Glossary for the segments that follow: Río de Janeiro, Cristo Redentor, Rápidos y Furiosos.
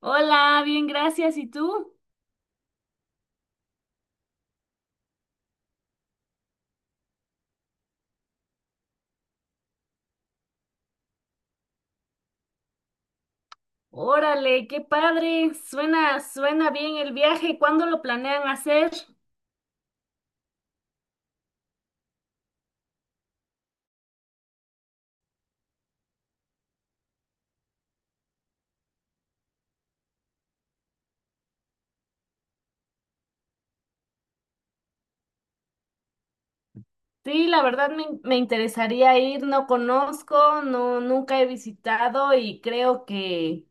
Hola, bien, gracias. ¿Y tú? Órale, qué padre. Suena bien el viaje. ¿Cuándo lo planean hacer? Sí, la verdad me interesaría ir. No conozco, no, nunca he visitado y creo que,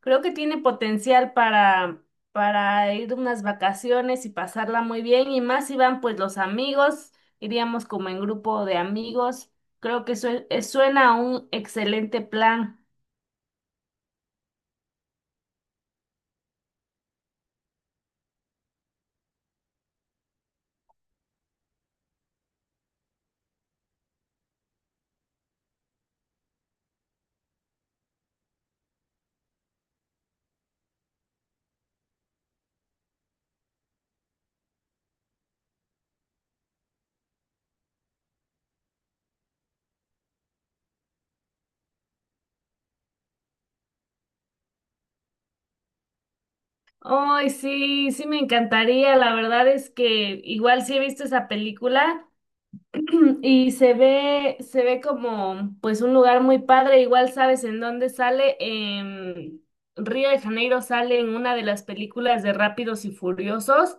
creo que tiene potencial para ir unas vacaciones y pasarla muy bien. Y más si van pues los amigos, iríamos como en grupo de amigos. Creo que suena a un excelente plan. Ay, sí, sí me encantaría. La verdad es que igual sí he visto esa película y se ve como pues un lugar muy padre. Igual sabes en dónde sale. En Río de Janeiro sale en una de las películas de Rápidos y Furiosos,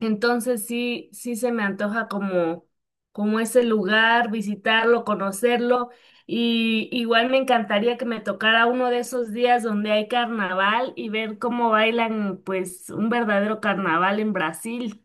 entonces sí, sí se me antoja como, como ese lugar, visitarlo, conocerlo. Y igual me encantaría que me tocara uno de esos días donde hay carnaval y ver cómo bailan pues un verdadero carnaval en Brasil.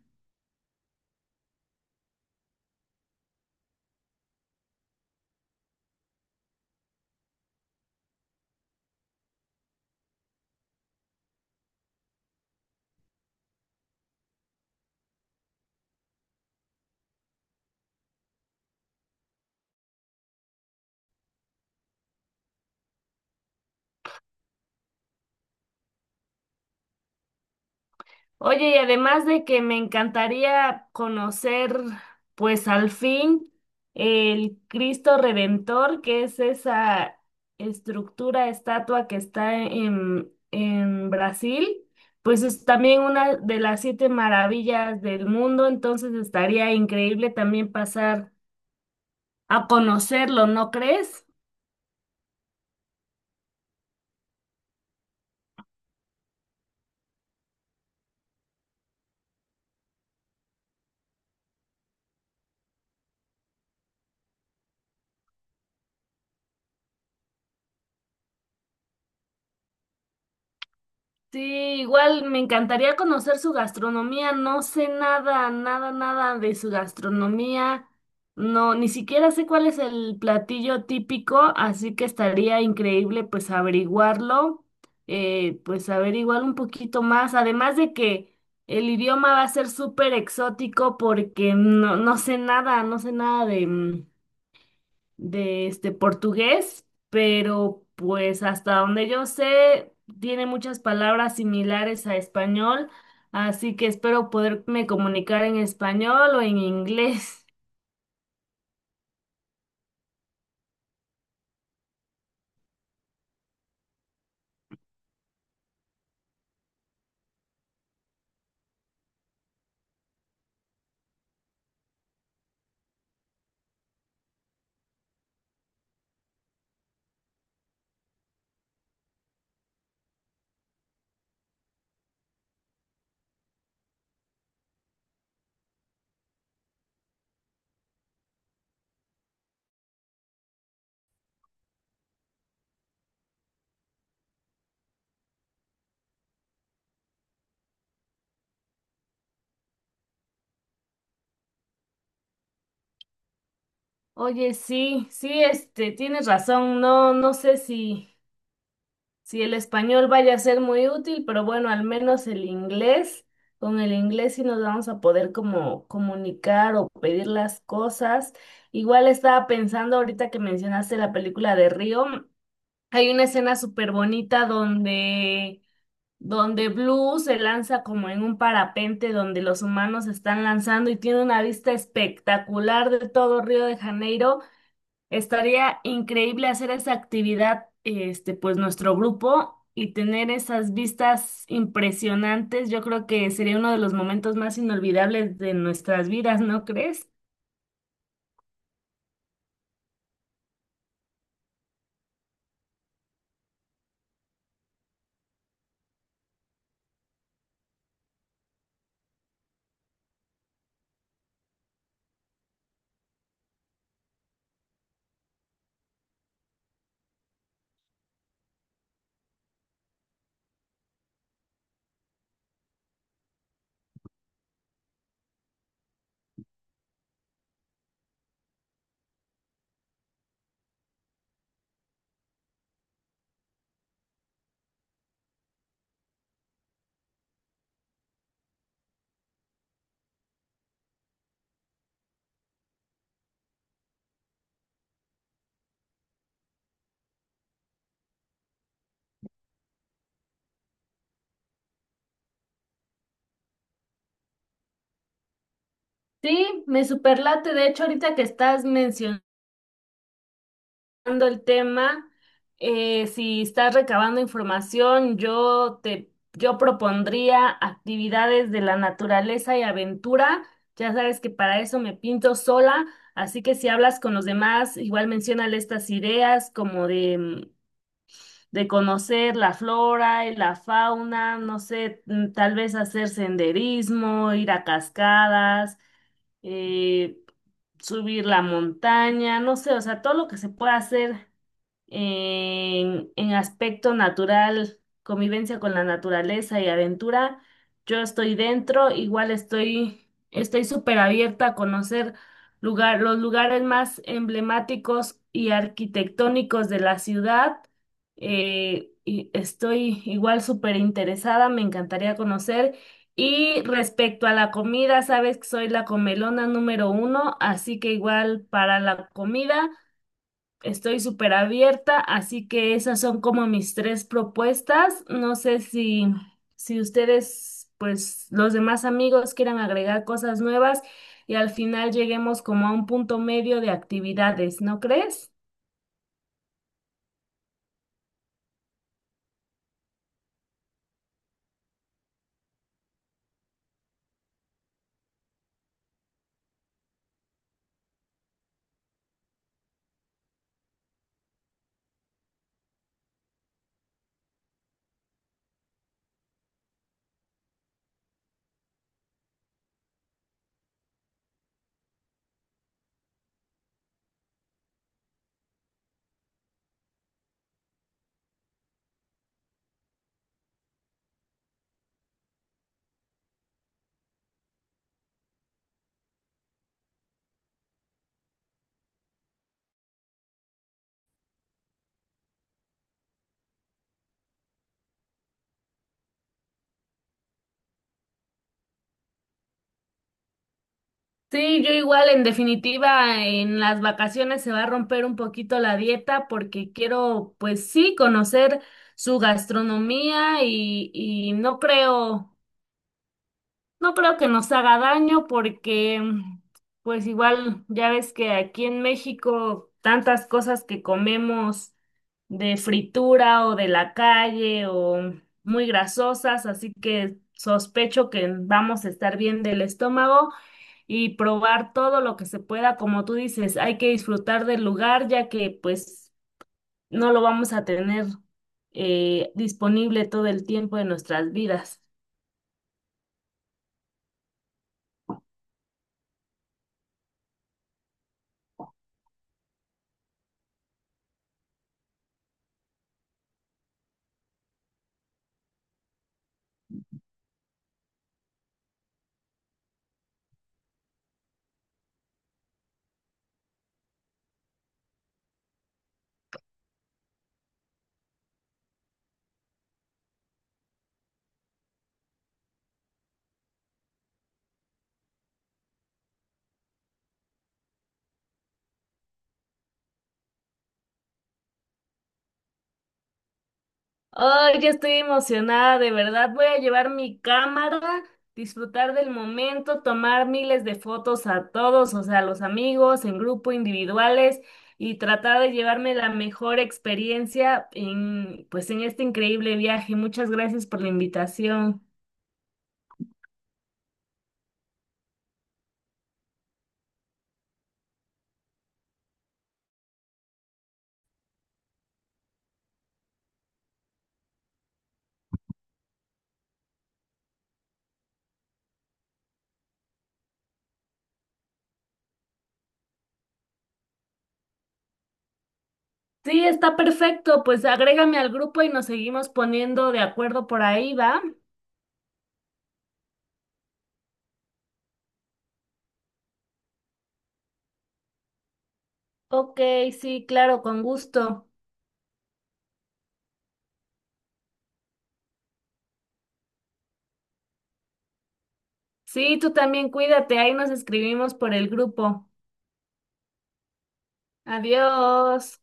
Oye, y además de que me encantaría conocer, pues al fin, el Cristo Redentor, que es esa estructura, estatua que está en Brasil, pues es también una de las siete maravillas del mundo, entonces estaría increíble también pasar a conocerlo, ¿no crees? Sí, igual me encantaría conocer su gastronomía. No sé nada, nada, nada de su gastronomía. No, ni siquiera sé cuál es el platillo típico, así que estaría increíble pues averiguarlo, pues averiguar un poquito más. Además de que el idioma va a ser súper exótico porque no, no sé nada, no sé nada de este portugués, pero pues hasta donde yo sé, tiene muchas palabras similares a español, así que espero poderme comunicar en español o en inglés. Oye, sí, sí, este, tienes razón, no, no sé si, si el español vaya a ser muy útil, pero bueno, al menos el inglés. Con el inglés sí nos vamos a poder como comunicar o pedir las cosas. Igual estaba pensando ahorita que mencionaste la película de Río. Hay una escena súper bonita donde, donde Blue se lanza como en un parapente donde los humanos se están lanzando y tiene una vista espectacular de todo Río de Janeiro. Estaría increíble hacer esa actividad, este, pues nuestro grupo y tener esas vistas impresionantes. Yo creo que sería uno de los momentos más inolvidables de nuestras vidas, ¿no crees? Sí, me superlate. De hecho, ahorita que estás mencionando tocando el tema, si estás recabando información, yo propondría actividades de la naturaleza y aventura. Ya sabes que para eso me pinto sola, así que si hablas con los demás, igual menciónale estas ideas como de, mm, de conocer la flora y la fauna, no sé, mm, tal vez hacer senderismo, ir a cascadas, eh, subir la montaña, no sé, o sea, todo lo que se pueda hacer en aspecto natural, convivencia con la naturaleza y aventura, yo estoy dentro, igual estoy súper abierta a conocer los lugares más emblemáticos y arquitectónicos de la ciudad. Eh, y estoy igual súper interesada, me encantaría conocer. Y respecto a la comida, sabes que soy la comelona número uno, así que igual para la comida. Estoy súper abierta, así que esas son como mis tres propuestas. No sé si, si ustedes, pues los demás amigos quieran agregar cosas nuevas y al final lleguemos como a un punto medio de actividades, ¿no crees? Sí, yo igual, en definitiva, en las vacaciones se va a romper un poquito la dieta porque quiero, pues sí, conocer su gastronomía y no creo. No creo que nos haga daño porque, mm, pues igual, ya ves que aquí en México tantas cosas que comemos de fritura o de la calle o muy grasosas, así que sospecho que vamos a estar bien del estómago y probar todo lo que se pueda, como tú dices, hay que disfrutar del lugar ya que pues no lo vamos a tener disponible todo el tiempo de nuestras vidas. Ay, ya estoy emocionada, de verdad. Voy a llevar mi cámara, disfrutar del momento, tomar miles de fotos a todos, o sea, a los amigos, en grupo, individuales, y tratar de llevarme la mejor experiencia en, pues, en este increíble viaje. Muchas gracias por la invitación. Sí, está perfecto. Pues agrégame al grupo y nos seguimos poniendo de acuerdo por ahí, ¿va? Ok, sí, claro, con gusto. Sí, tú también cuídate, ahí nos escribimos por el grupo. Adiós.